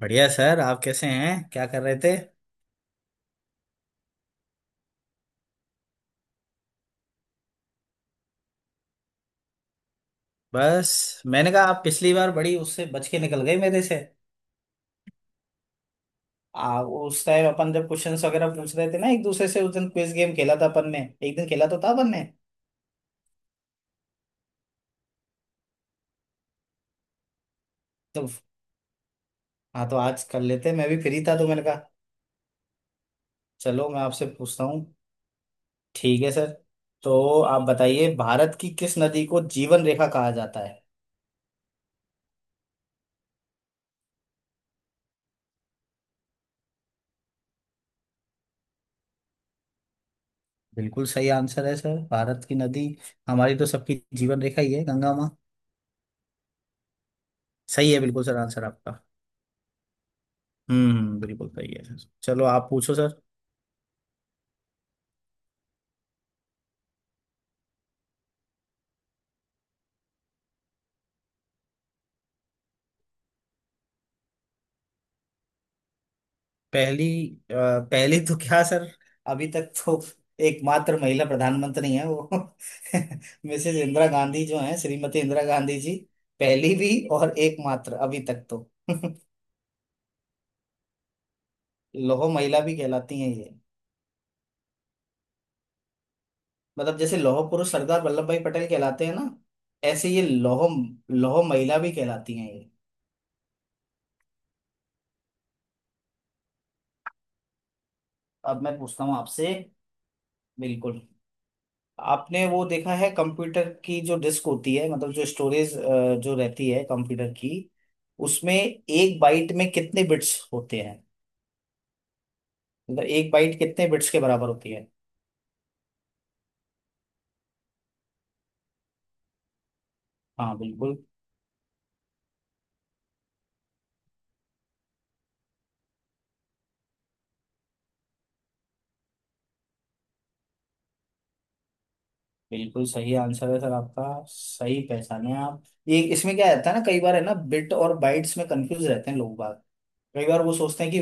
बढ़िया सर। आप कैसे हैं? क्या कर रहे थे? बस मैंने कहा आप पिछली बार बड़ी उससे बच के निकल गए मेरे से। उस टाइम अपन जब क्वेश्चंस वगैरह पूछ रहे थे ना एक दूसरे से, उस दिन क्विज गेम खेला था अपन ने। एक दिन खेला तो था अपन ने। तो हाँ, तो आज कर लेते। मैं भी फ्री था तो मैंने कहा चलो मैं आपसे पूछता हूँ। ठीक है सर। तो आप बताइए, भारत की किस नदी को जीवन रेखा कहा जाता है? बिल्कुल सही आंसर है सर। भारत की नदी, हमारी तो सबकी जीवन रेखा ही है गंगा माँ। सही है बिल्कुल सर आंसर आपका। बिल्कुल सही है सर। चलो आप पूछो सर। पहली? अ, पहली तो क्या सर, अभी तक तो एकमात्र महिला प्रधानमंत्री हैं वो। मिसेस इंदिरा गांधी जो हैं, श्रीमती इंदिरा गांधी जी। पहली भी और एकमात्र अभी तक तो। लौह महिला भी कहलाती हैं ये। मतलब जैसे लौह पुरुष सरदार वल्लभ भाई पटेल कहलाते हैं ना, ऐसे ये लौह, लौह महिला भी कहलाती हैं ये। अब मैं पूछता हूँ आपसे। बिल्कुल। आपने वो देखा है कंप्यूटर की जो डिस्क होती है, मतलब जो स्टोरेज जो रहती है कंप्यूटर की, उसमें एक बाइट में कितने बिट्स होते हैं? मतलब एक बाइट कितने बिट्स के बराबर होती है? हाँ बिल्कुल। बिल्कुल सही आंसर है सर आपका। सही पहचाने आप। ये इसमें क्या रहता है ना, कई बार है ना बिट और बाइट्स में कंफ्यूज रहते हैं लोग बाग। कई बार वो सोचते हैं कि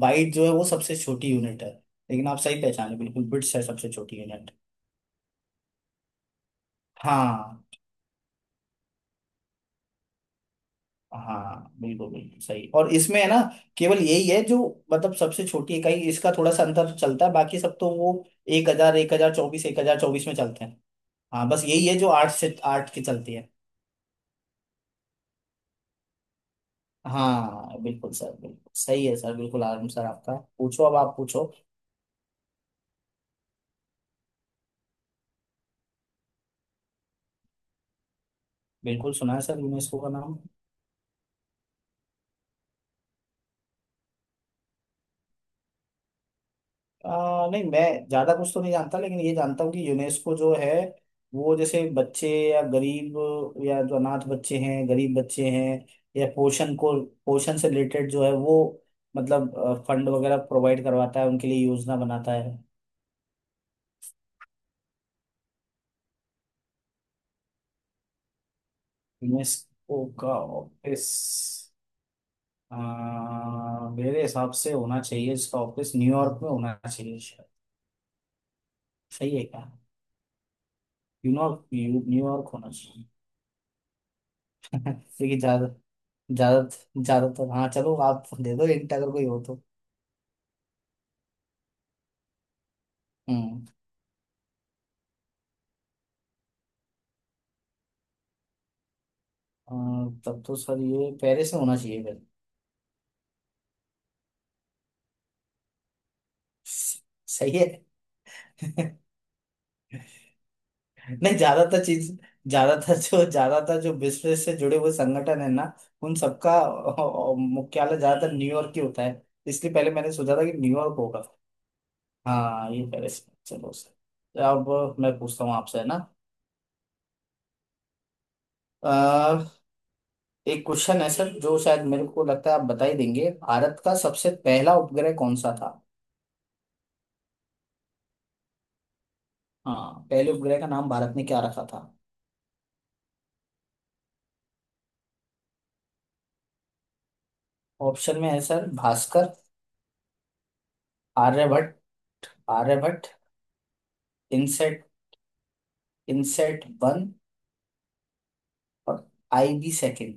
बाइट जो है वो सबसे छोटी यूनिट है, लेकिन आप सही पहचाने, बिल्कुल बिट्स है सबसे छोटी यूनिट। हाँ हाँ बिल्कुल बिल्कुल सही। और इसमें है ना, केवल यही है जो, मतलब सबसे छोटी इकाई, इसका थोड़ा सा अंतर चलता है। बाकी सब तो वो 1024, 1024 में चलते हैं। हाँ, बस यही है जो आठ से आठ की चलती है। हाँ बिल्कुल सर, बिल्कुल सही है सर, बिल्कुल आराम सर आपका। पूछो अब, आप पूछो। बिल्कुल सुना है सर यूनेस्को का नाम। नहीं, मैं ज्यादा कुछ तो नहीं जानता, लेकिन ये जानता हूँ कि यूनेस्को जो है वो जैसे बच्चे या गरीब, या जो अनाथ बच्चे हैं, गरीब बच्चे हैं, या पोषण को, पोषण से रिलेटेड जो है वो, मतलब फंड वगैरह प्रोवाइड करवाता है, उनके लिए योजना बनाता है। यूनेस्को का ऑफिस? मेरे हिसाब से होना चाहिए इसका ऑफिस न्यूयॉर्क में, होना चाहिए शायद। सही है क्या? न्यूयॉर्क न्यूयॉर्क होना चाहिए। क्योंकि ज्यादा, ज्यादा, ज्यादातर, हाँ चलो आप दे दो हिंट अगर कोई हो तो। हम्म। अ, तब तो सर ये पेरिस में होना चाहिए फिर। स- सही है। नहीं, ज्यादातर चीज, ज्यादातर जो बिजनेस से जुड़े हुए संगठन है ना, उन सबका मुख्यालय ज्यादातर न्यूयॉर्क ही होता है। इसलिए पहले मैंने सोचा था कि न्यूयॉर्क होगा। हाँ, ये पेरिस में। चलो सर, अब मैं पूछता हूँ आपसे है ना। अ, एक क्वेश्चन है सर जो शायद मेरे को लगता है आप बता ही देंगे। भारत का सबसे पहला उपग्रह कौन सा था? हाँ, पहले उपग्रह का नाम भारत ने क्या रखा था? ऑप्शन में है sir Bhaskar, Aryabhata, Aryabhata, INSAT, INSAT one, और IB second.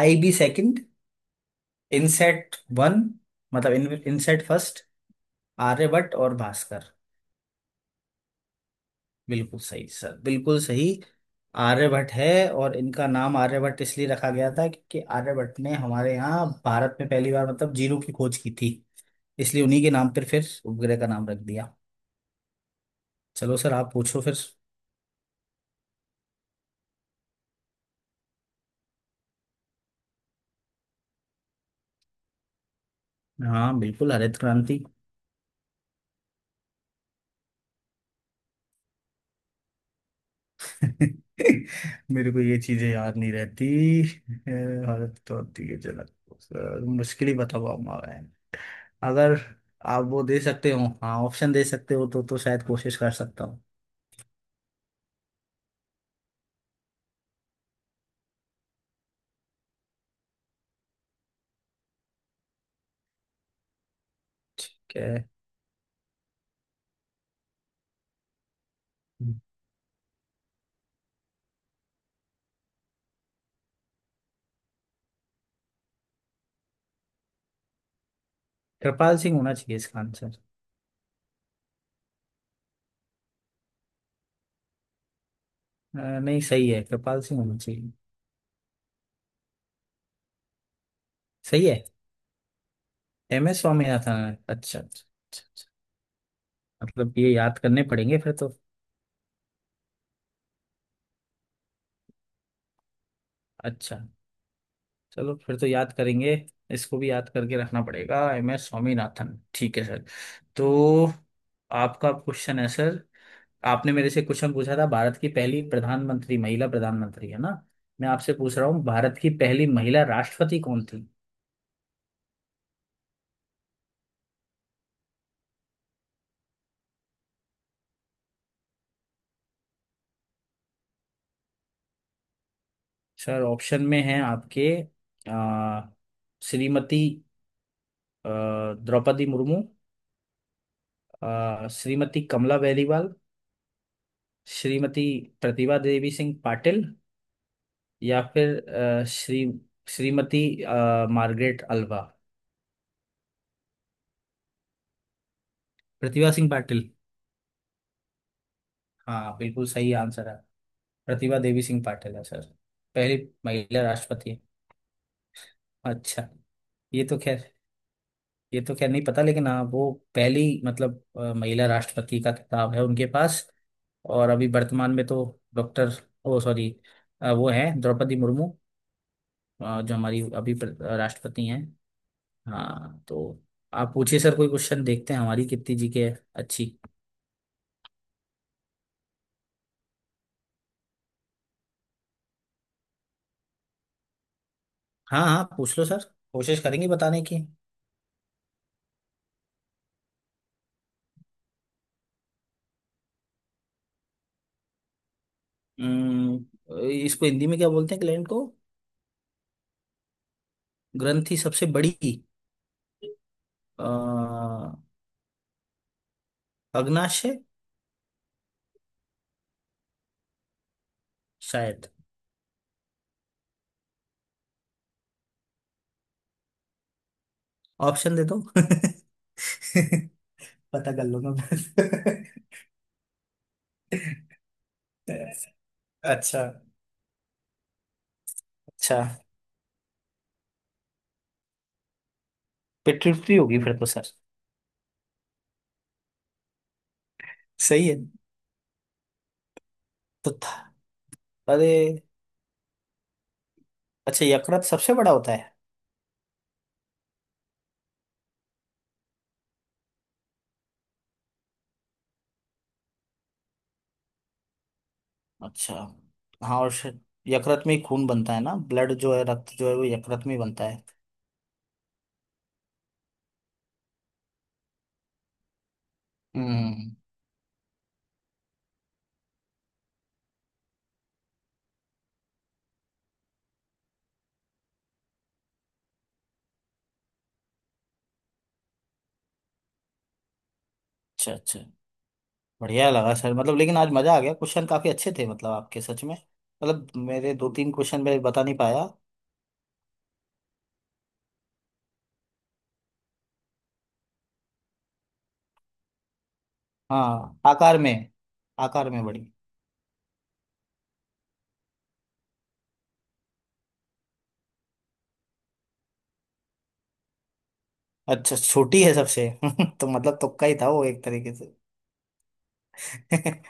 IB second, INSAT one, मतलब इनसेट फर्स्ट, आर्यभट्ट और भास्कर। बिल्कुल सही सर, बिल्कुल सही। आर्यभट्ट है, और इनका नाम आर्यभट्ट इसलिए रखा गया था क्योंकि आर्यभट्ट ने हमारे यहाँ भारत में पहली बार मतलब जीरो की खोज की थी। इसलिए उन्हीं के नाम पर फिर उपग्रह का नाम रख दिया। चलो सर, आप पूछो फिर। हाँ बिल्कुल, हरित क्रांति। मेरे को ये चीजें याद नहीं रहती। अ, हरित क्रांति के जनक, सर, मुश्किल ही बता पाऊंगा मैं। अगर आप वो दे सकते हो, हाँ ऑप्शन दे सकते हो तो शायद कोशिश कर सकता हूँ। क्या है? कृपाल सिंह होना चाहिए इसका आंसर। नहीं, सही है, कृपाल सिंह होना चाहिए। सही है। एम एस स्वामीनाथन। अच्छा अच्छा अच्छा अच्छा। मतलब ये याद करने पड़ेंगे फिर तो। अच्छा, चलो फिर तो याद करेंगे। इसको भी याद करके रखना पड़ेगा, एम एस स्वामीनाथन। ठीक है सर। तो आपका क्वेश्चन है सर। आपने मेरे से क्वेश्चन पूछा था भारत की पहली प्रधानमंत्री, महिला प्रधानमंत्री है ना, मैं आपसे पूछ रहा हूँ भारत की पहली महिला राष्ट्रपति कौन थी? सर ऑप्शन में है आपके, अ, श्रीमती अ, द्रौपदी मुर्मू, श्रीमती कमला बेलीवाल, श्रीमती प्रतिभा देवी सिंह पाटिल, या फिर श्री, श्रीमती मार्गरेट अल्वा। प्रतिभा सिंह पाटिल। हाँ, बिल्कुल सही आंसर है। प्रतिभा देवी सिंह पाटिल है सर। पहली महिला राष्ट्रपति है। अच्छा। ये तो खैर, ये तो खैर नहीं पता, लेकिन हाँ वो पहली मतलब महिला राष्ट्रपति का खिताब है उनके पास। और अभी वर्तमान में तो डॉक्टर, ओ सॉरी, वो हैं द्रौपदी मुर्मू, जो हमारी अभी राष्ट्रपति हैं। हाँ, तो आप पूछिए सर कोई क्वेश्चन, देखते हैं हमारी कीर्ति जी के। अच्छी। हाँ हाँ, पूछ लो सर, कोशिश करेंगे बताने की। इसको हिंदी में क्या बोलते हैं ग्लैंड को? ग्रंथि, सबसे बड़ी? अ, अग्नाशय, शायद। ऑप्शन दे दो। पता कर लूंगा मैं। अच्छा। अच्छा। पिट्यूटरी होगी फिर तो सर। सही है तो था। अरे, अच्छा, यकृत सबसे बड़ा होता है। अच्छा। हाँ, और शायद यकृत में ही खून बनता है ना, ब्लड जो है, रक्त जो है वो यकृत में ही बनता है। हम्म। अच्छा अच्छा। बढ़िया लगा सर, मतलब लेकिन आज मजा आ गया, क्वेश्चन काफी अच्छे थे मतलब आपके, सच में मतलब मेरे दो तीन क्वेश्चन मैं बता नहीं पाया। हाँ, आकार में। आकार में बड़ी। अच्छा, छोटी है सबसे। तो मतलब तुक्का ही था वो एक तरीके से।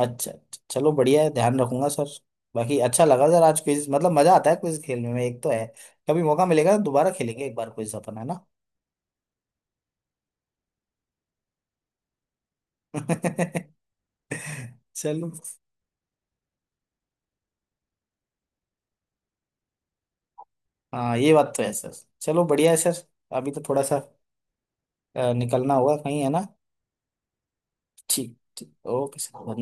अच्छा, चलो बढ़िया है, ध्यान रखूंगा सर। बाकी अच्छा लगा सर आज क्विज, मतलब मजा आता है क्विज खेलने में, एक तो है। कभी मौका मिलेगा तो दोबारा खेलेंगे एक बार क्विज अपन, है ना। चलो। हाँ, ये बात तो है सर। चलो, बढ़िया है सर। अभी तो थोड़ा सा निकलना होगा कहीं, है ना। ठीक ठीक, ओके सर, धन्यवाद।